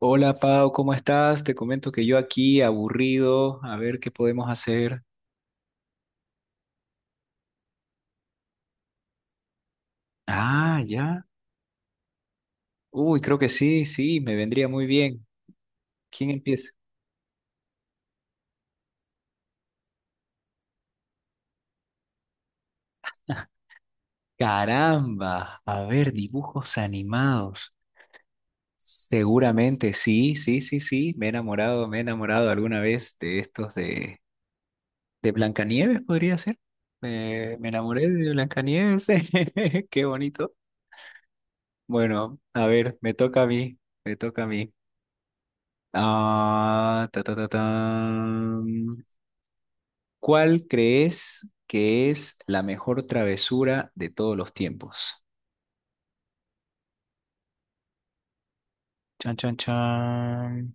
Hola Pau, ¿cómo estás? Te comento que yo aquí aburrido, a ver qué podemos hacer. Ah, ya. Uy, creo que sí, sí, me vendría muy bien. ¿Quién empieza? Caramba, a ver, dibujos animados. Seguramente, sí, sí, sí, sí. Me he enamorado alguna vez de Blancanieves, podría ser. Me enamoré de Blancanieves. Qué bonito. Bueno, a ver, me toca a mí. Ah, ta, ta, ta, tan. ¿Cuál crees que es la mejor travesura de todos los tiempos? Chan, chan, chan.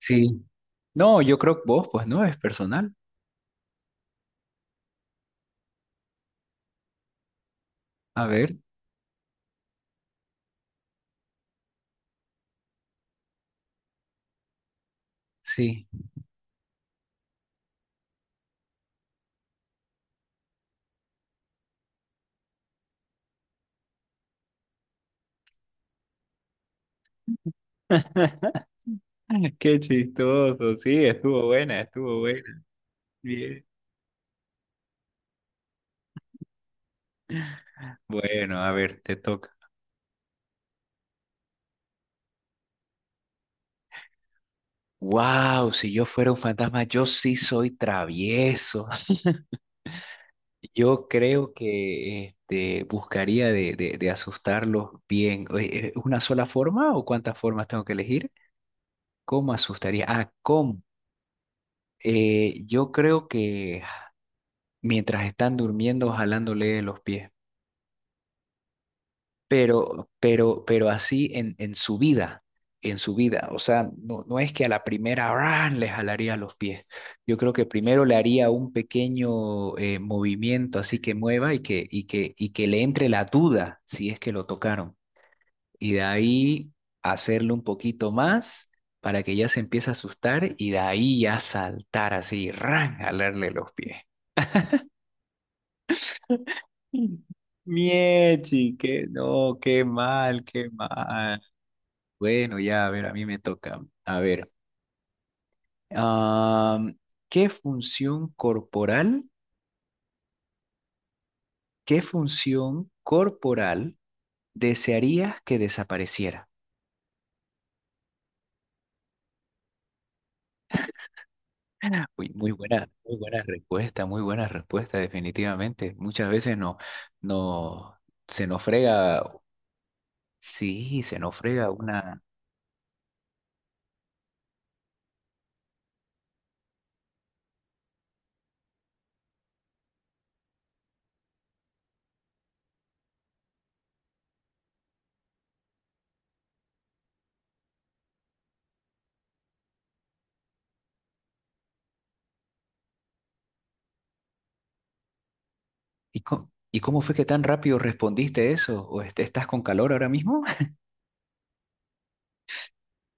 Sí. No, yo creo que vos, pues no, es personal. A ver, sí. Qué chistoso. Sí, estuvo buena. Bien. Bueno, a ver, te toca. Wow, si yo fuera un fantasma, yo sí soy travieso. Yo creo que este, buscaría de asustarlos bien. Oye, ¿es una sola forma o cuántas formas tengo que elegir? ¿Cómo asustaría? Ah, ¿cómo? Yo creo que mientras están durmiendo, jalándole los pies. Pero así en su vida, en su vida. O sea, no, no es que a la primera ¡ran! Le jalaría los pies. Yo creo que primero le haría un pequeño movimiento así que mueva y que le entre la duda si es que lo tocaron. Y de ahí hacerle un poquito más para que ya se empiece a asustar y de ahí ya saltar así, ¡ran!, jalarle los pies. Miechi, que no, qué mal, qué mal. Bueno, ya, a ver, a mí me toca. A ver, am, ¿qué función corporal, qué función corporal desearías que desapareciera? Uy, muy buena respuesta, definitivamente. Muchas veces no, no, se nos frega, sí, se nos frega una. ¿Y co- y cómo fue que tan rápido respondiste eso? ¿O est- estás con calor ahora mismo?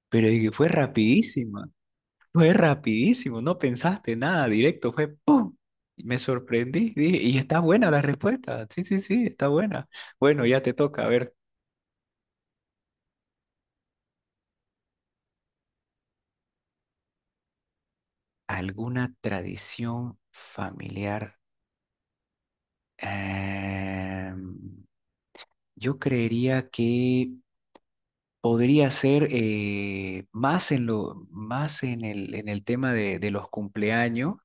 Pero y fue rapidísima. Fue rapidísimo, no pensaste nada, directo, fue ¡pum! Y me sorprendí, dije, y está buena la respuesta. Sí, sí, sí, está buena. Bueno, ya te toca, a ver, ¿alguna tradición familiar? Em, yo creería que podría ser más en lo, más en el tema de los cumpleaños.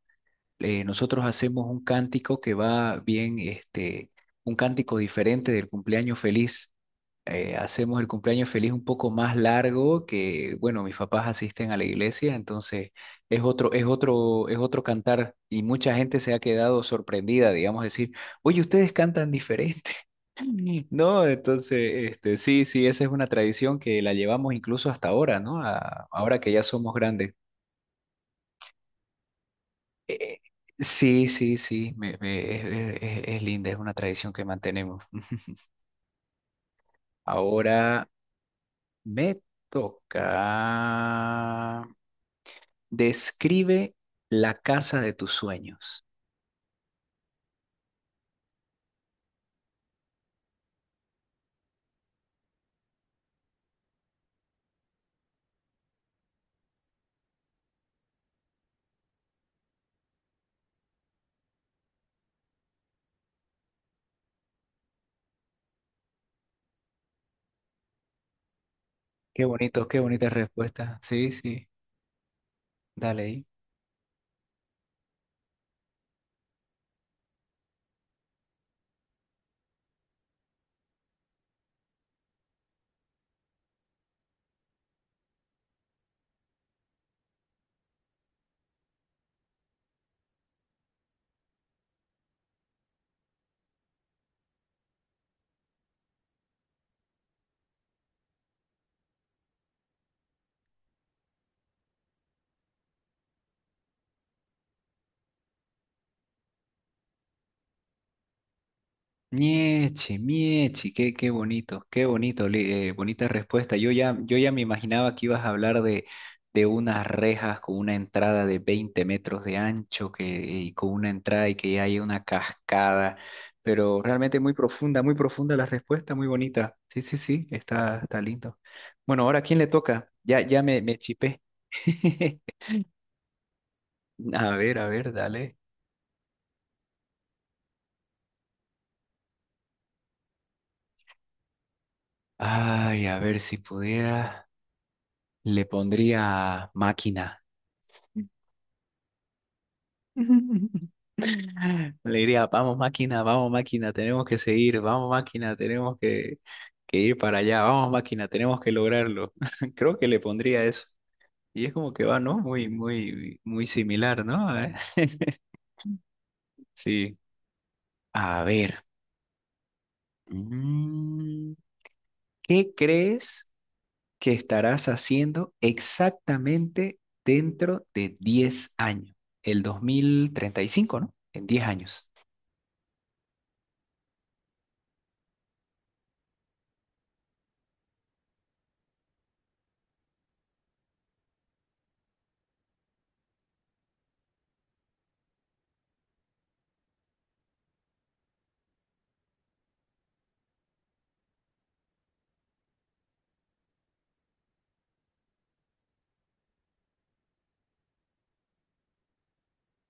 Nosotros hacemos un cántico que va bien, este, un cántico diferente del cumpleaños feliz. Hacemos el cumpleaños feliz un poco más largo que, bueno, mis papás asisten a la iglesia, entonces es otro cantar y mucha gente se ha quedado sorprendida, digamos, decir, oye, ustedes cantan diferente. No, entonces, este, sí, sí, esa es una tradición que la llevamos incluso hasta ahora, ¿no? A- ahora que ya somos grandes. Eh, sí, sí, sí, me- me- es linda, es una tradición que mantenemos. Ahora me toca. Describe la casa de tus sueños. Qué bonito, qué bonita respuesta. Sí, sí, dale ahí. Mieche, mieche, qué, qué bonito, li- bonita respuesta. Yo ya me imaginaba que ibas a hablar de unas rejas con una entrada de 20 metros de ancho que, y con una entrada y que hay una cascada, pero realmente muy profunda la respuesta, muy bonita. Sí, sí, sí, está, está lindo. Bueno, ahora ¿a quién le toca? Ya, ya me chipé. A ver, dale. Ay, a ver si pudiera. Le pondría máquina. Le diría, vamos máquina, tenemos que seguir, vamos máquina, que ir para allá, vamos máquina, tenemos que lograrlo. Creo que le pondría eso. Y es como que va, ¿no? Muy, muy, muy similar, ¿no? Sí. A ver. mm, ¿Qué crees que estarás haciendo exactamente dentro de 10 años, el 2035, ¿no? En 10 años.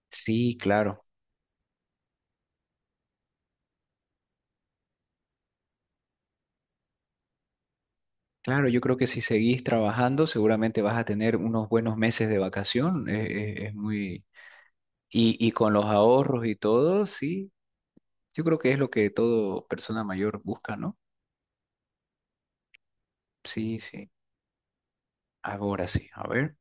Sí, claro. Claro, yo creo que si seguís trabajando, seguramente vas a tener unos buenos meses de vacación. Es, muy... Y, y con los ahorros y todo, sí, yo creo que es lo que todo persona mayor busca, ¿no? Sí, sí. Ahora sí, a ver.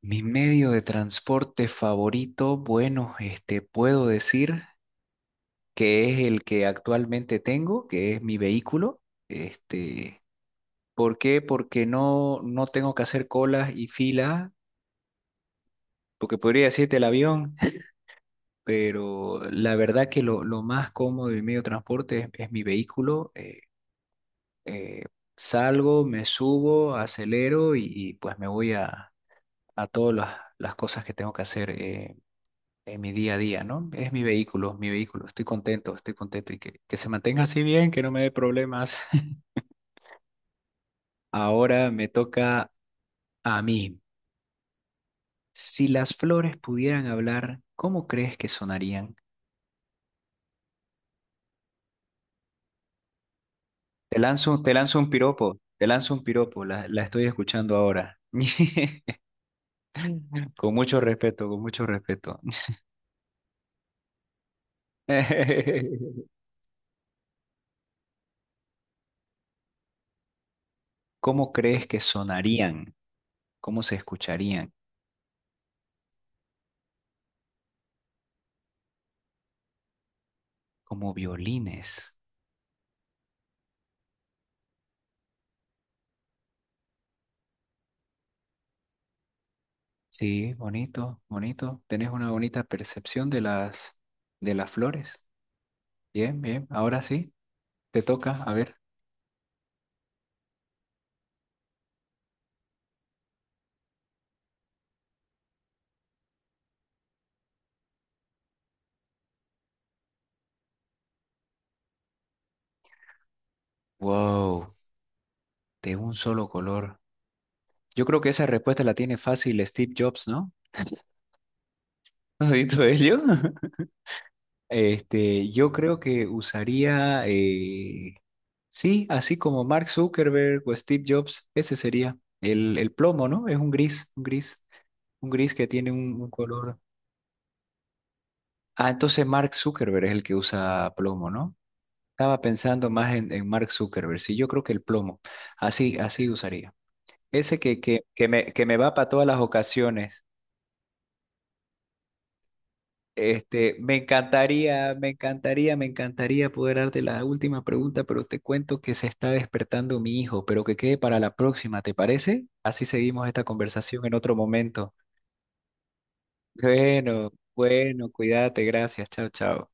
Mi medio de transporte favorito, bueno, este, puedo decir que es el que actualmente tengo, que es mi vehículo. Este, ¿por qué? Porque no, no tengo que hacer colas y filas, porque podría decirte el avión, pero la verdad que lo más cómodo del medio de transporte es mi vehículo. Eh, salgo, me subo, acelero y, pues me voy a todas las cosas que tengo que hacer. En mi día a día, ¿no? Es mi vehículo, mi vehículo. Estoy contento y que se mantenga así bien, que no me dé problemas. Ahora me toca a mí. Si las flores pudieran hablar, ¿cómo crees que sonarían? Te lanzo un piropo, te lanzo un piropo, la estoy escuchando ahora. Con mucho respeto, con mucho respeto. ¿Cómo crees que sonarían? ¿Cómo se escucharían? Como violines. Sí, bonito, bonito. Tenés una bonita percepción de las flores. Bien, bien. Ahora sí, te toca, a ver. Wow. De un solo color. Yo creo que esa respuesta la tiene fácil Steve Jobs, ¿no? ¿No has visto ello? Este, yo creo que usaría, sí, así como Mark Zuckerberg o Steve Jobs, ese sería el plomo, ¿no? Es un gris, un gris, un gris que tiene un color. Ah, entonces Mark Zuckerberg es el que usa plomo, ¿no? Estaba pensando más en Mark Zuckerberg, sí, yo creo que el plomo, así, así usaría. Ese que me, que me va para todas las ocasiones. Este, me encantaría, me encantaría, me encantaría poder darte la última pregunta, pero te cuento que se está despertando mi hijo, pero que quede para la próxima, ¿te parece? Así seguimos esta conversación en otro momento. Bueno, bueno, cuídate, gracias, chao, chao.